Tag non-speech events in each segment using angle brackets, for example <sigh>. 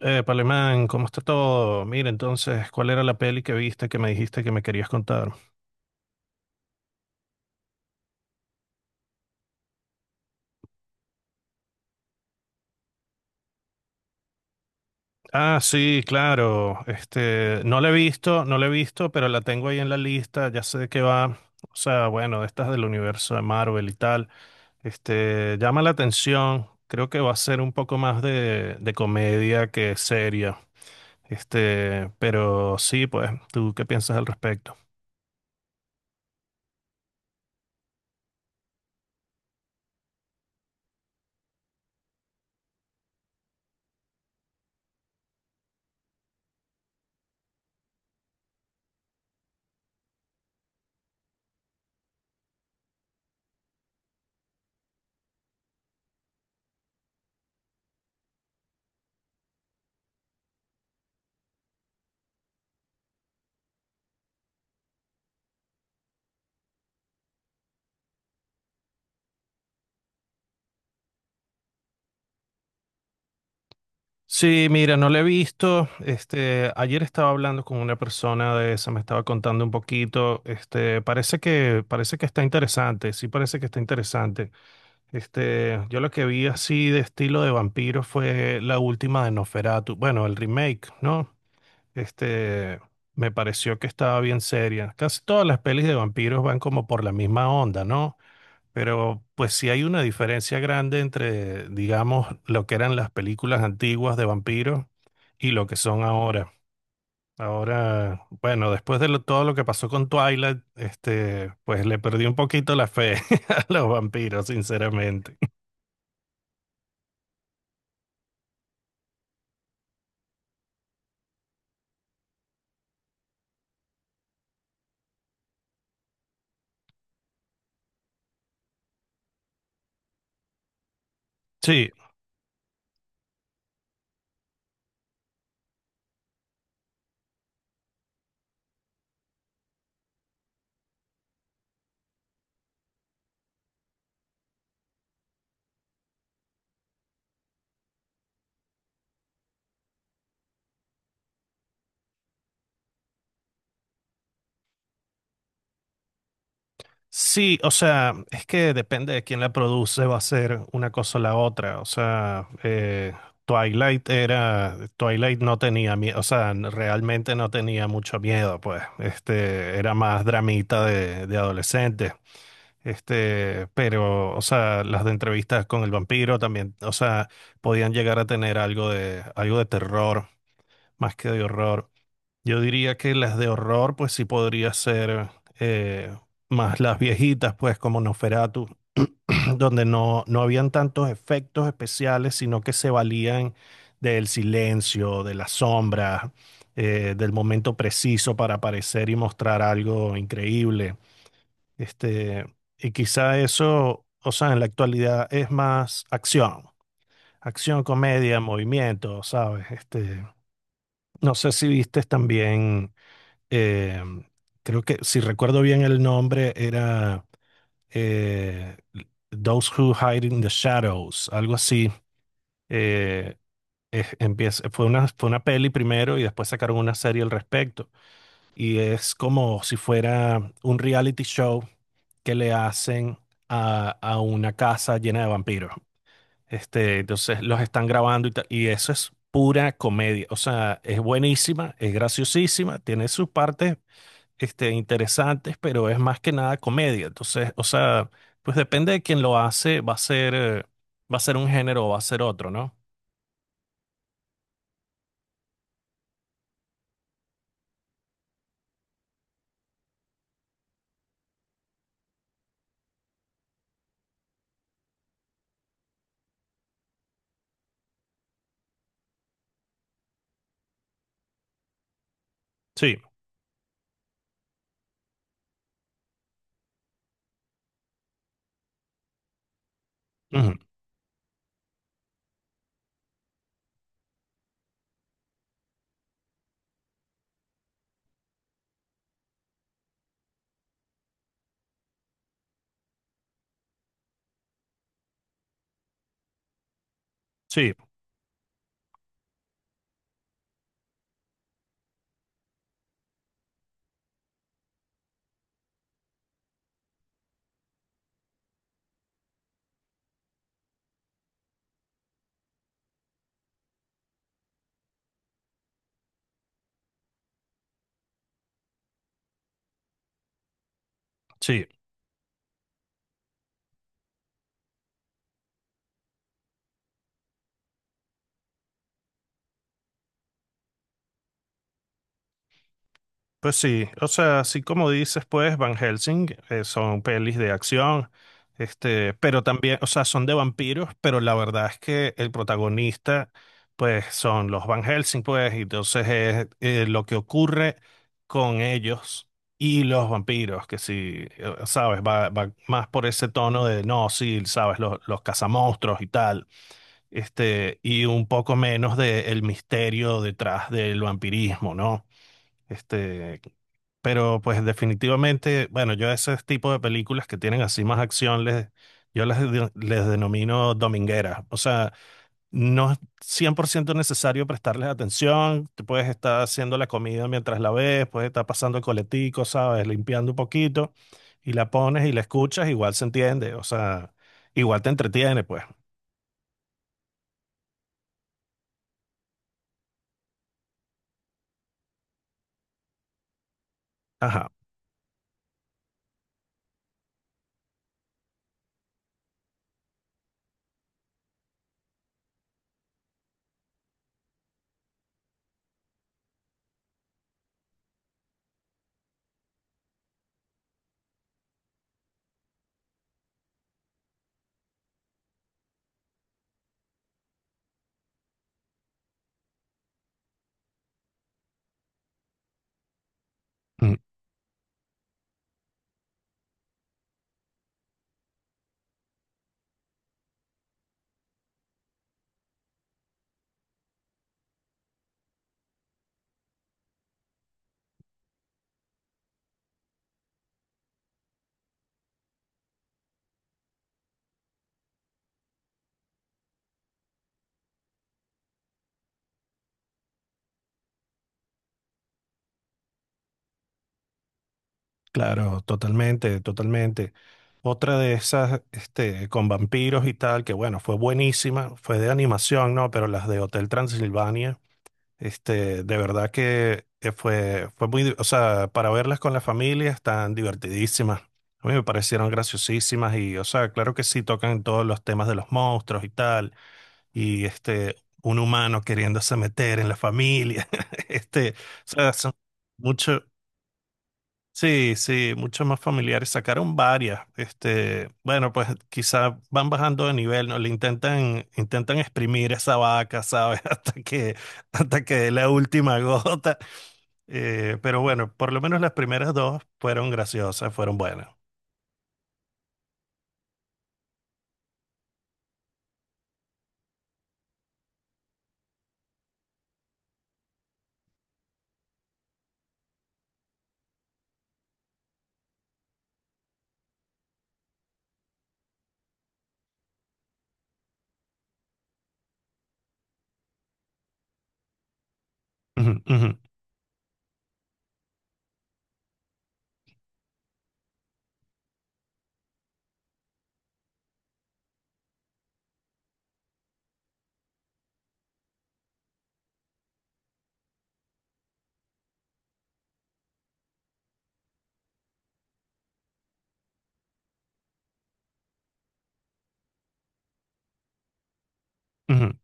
Palemán, ¿cómo está todo? Mira, entonces, ¿cuál era la peli que viste que me dijiste que me querías contar? Ah, sí, claro. No la he visto, pero la tengo ahí en la lista, ya sé de qué va. O sea, bueno, estas del universo de Marvel y tal. Llama la atención. Creo que va a ser un poco más de comedia que seria. Pero sí, pues, ¿tú qué piensas al respecto? Sí, mira, no la he visto. Ayer estaba hablando con una persona de esa, me estaba contando un poquito. Este, parece que está interesante, sí parece que está interesante. Yo lo que vi así de estilo de vampiro fue la última de Nosferatu, bueno, el remake, ¿no? Este, Me pareció que estaba bien seria. Casi todas las pelis de vampiros van como por la misma onda, ¿no? Pero pues sí hay una diferencia grande entre, digamos, lo que eran las películas antiguas de vampiros y lo que son ahora. Ahora, bueno, después de todo lo que pasó con Twilight, pues le perdí un poquito la fe <laughs> a los vampiros, sinceramente. Sí, sí, o sea, es que depende de quién la produce, va a ser una cosa o la otra. O sea, Twilight era, Twilight no tenía miedo, o sea, realmente no tenía mucho miedo, pues, este, era más dramita de adolescentes. Pero, o sea, las de entrevistas con el vampiro también, o sea, podían llegar a tener algo de terror, más que de horror. Yo diría que las de horror, pues sí podría ser eh, más las viejitas, pues como Nosferatu, <clears throat> donde no, no habían tantos efectos especiales, sino que se valían del silencio, de las sombras, del momento preciso para aparecer y mostrar algo increíble. Este, y quizá eso, o sea, en la actualidad es más acción, acción, comedia, movimiento, ¿sabes? No sé si viste también, eh, creo que si recuerdo bien el nombre, era eh, Those Who Hide in the Shadows, algo así. Eh, Empieza, fue una peli primero y después sacaron una serie al respecto. Y es como si fuera un reality show que le hacen a una casa llena de vampiros. Entonces los están grabando y tal, y eso es pura comedia. O sea, es buenísima, es graciosísima, tiene sus partes interesantes, pero es más que nada comedia. Entonces, o sea, pues depende de quién lo hace, va a ser un género o va a ser otro, ¿no? Sí, ujú, sí, sí. Pues sí, o sea, así como dices, pues Van Helsing son pelis de acción, pero también, o sea, son de vampiros, pero la verdad es que el protagonista, pues son los Van Helsing, pues, y entonces es lo que ocurre con ellos y los vampiros, que sí, sabes, va más por ese tono de, no, sí, sabes, los cazamonstruos y tal, y un poco menos de el misterio detrás del vampirismo, ¿no? Este, pero pues definitivamente, bueno, yo ese tipo de películas que tienen así más acción, yo les denomino domingueras. O sea, no es 100% necesario prestarles atención. Te puedes estar haciendo la comida mientras la ves, puedes estar pasando el coletico, ¿sabes? Limpiando un poquito y la pones y la escuchas, igual se entiende. O sea, igual te entretiene, pues. Ajá. Mm. Claro, totalmente, totalmente. Otra de esas, este, con vampiros y tal, que bueno, fue buenísima, fue de animación, ¿no? Pero las de Hotel Transilvania, de verdad que fue, fue muy, o sea, para verlas con la familia están divertidísimas. A mí me parecieron graciosísimas y, o sea, claro que sí tocan todos los temas de los monstruos y tal, y este, un humano queriéndose meter en la familia, <laughs> este, o sea, son mucho. Sí, sí, mucho más familiares. Sacaron varias. Este, bueno, pues quizá van bajando de nivel, ¿no? Intentan exprimir esa vaca, ¿sabes? <laughs> Hasta que dé la última gota. Pero bueno, por lo menos las primeras dos fueron graciosas, fueron buenas. Ujú, ujú, ujú.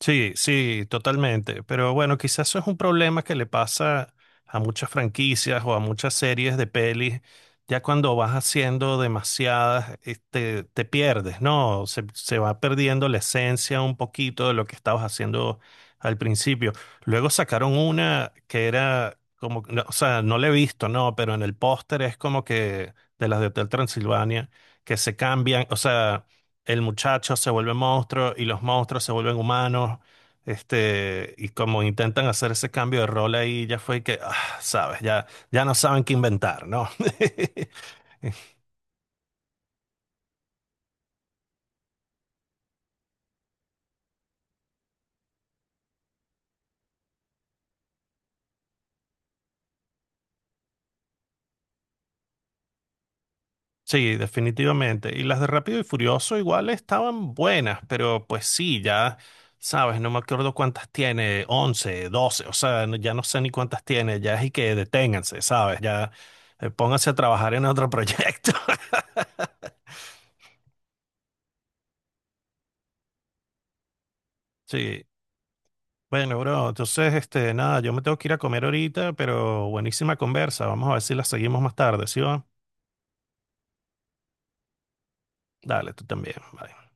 Sí, sí, totalmente. Pero bueno, quizás eso es un problema que le pasa a muchas franquicias o a muchas series de pelis. Ya cuando vas haciendo demasiadas, te pierdes, ¿no? Se va perdiendo la esencia un poquito de lo que estabas haciendo al principio. Luego sacaron una que era como, no, o sea, no la he visto, ¿no? Pero en el póster es como que de las de Hotel Transilvania, que se cambian, o sea el muchacho se vuelve monstruo y los monstruos se vuelven humanos. Y como intentan hacer ese cambio de rol ahí, ya fue que, ah, sabes, ya, ya no saben qué inventar, ¿no? <laughs> Sí, definitivamente. Y las de Rápido y Furioso igual estaban buenas, pero pues sí, ya, sabes, no me acuerdo cuántas tiene, 11, 12, o sea, ya no sé ni cuántas tiene, ya es y que deténganse, ¿sabes? Ya pónganse a trabajar en otro proyecto. <laughs> Sí, bueno, bro, entonces, nada, yo me tengo que ir a comer ahorita, pero buenísima conversa. Vamos a ver si la seguimos más tarde, ¿sí va? Dale, tú también. Bye.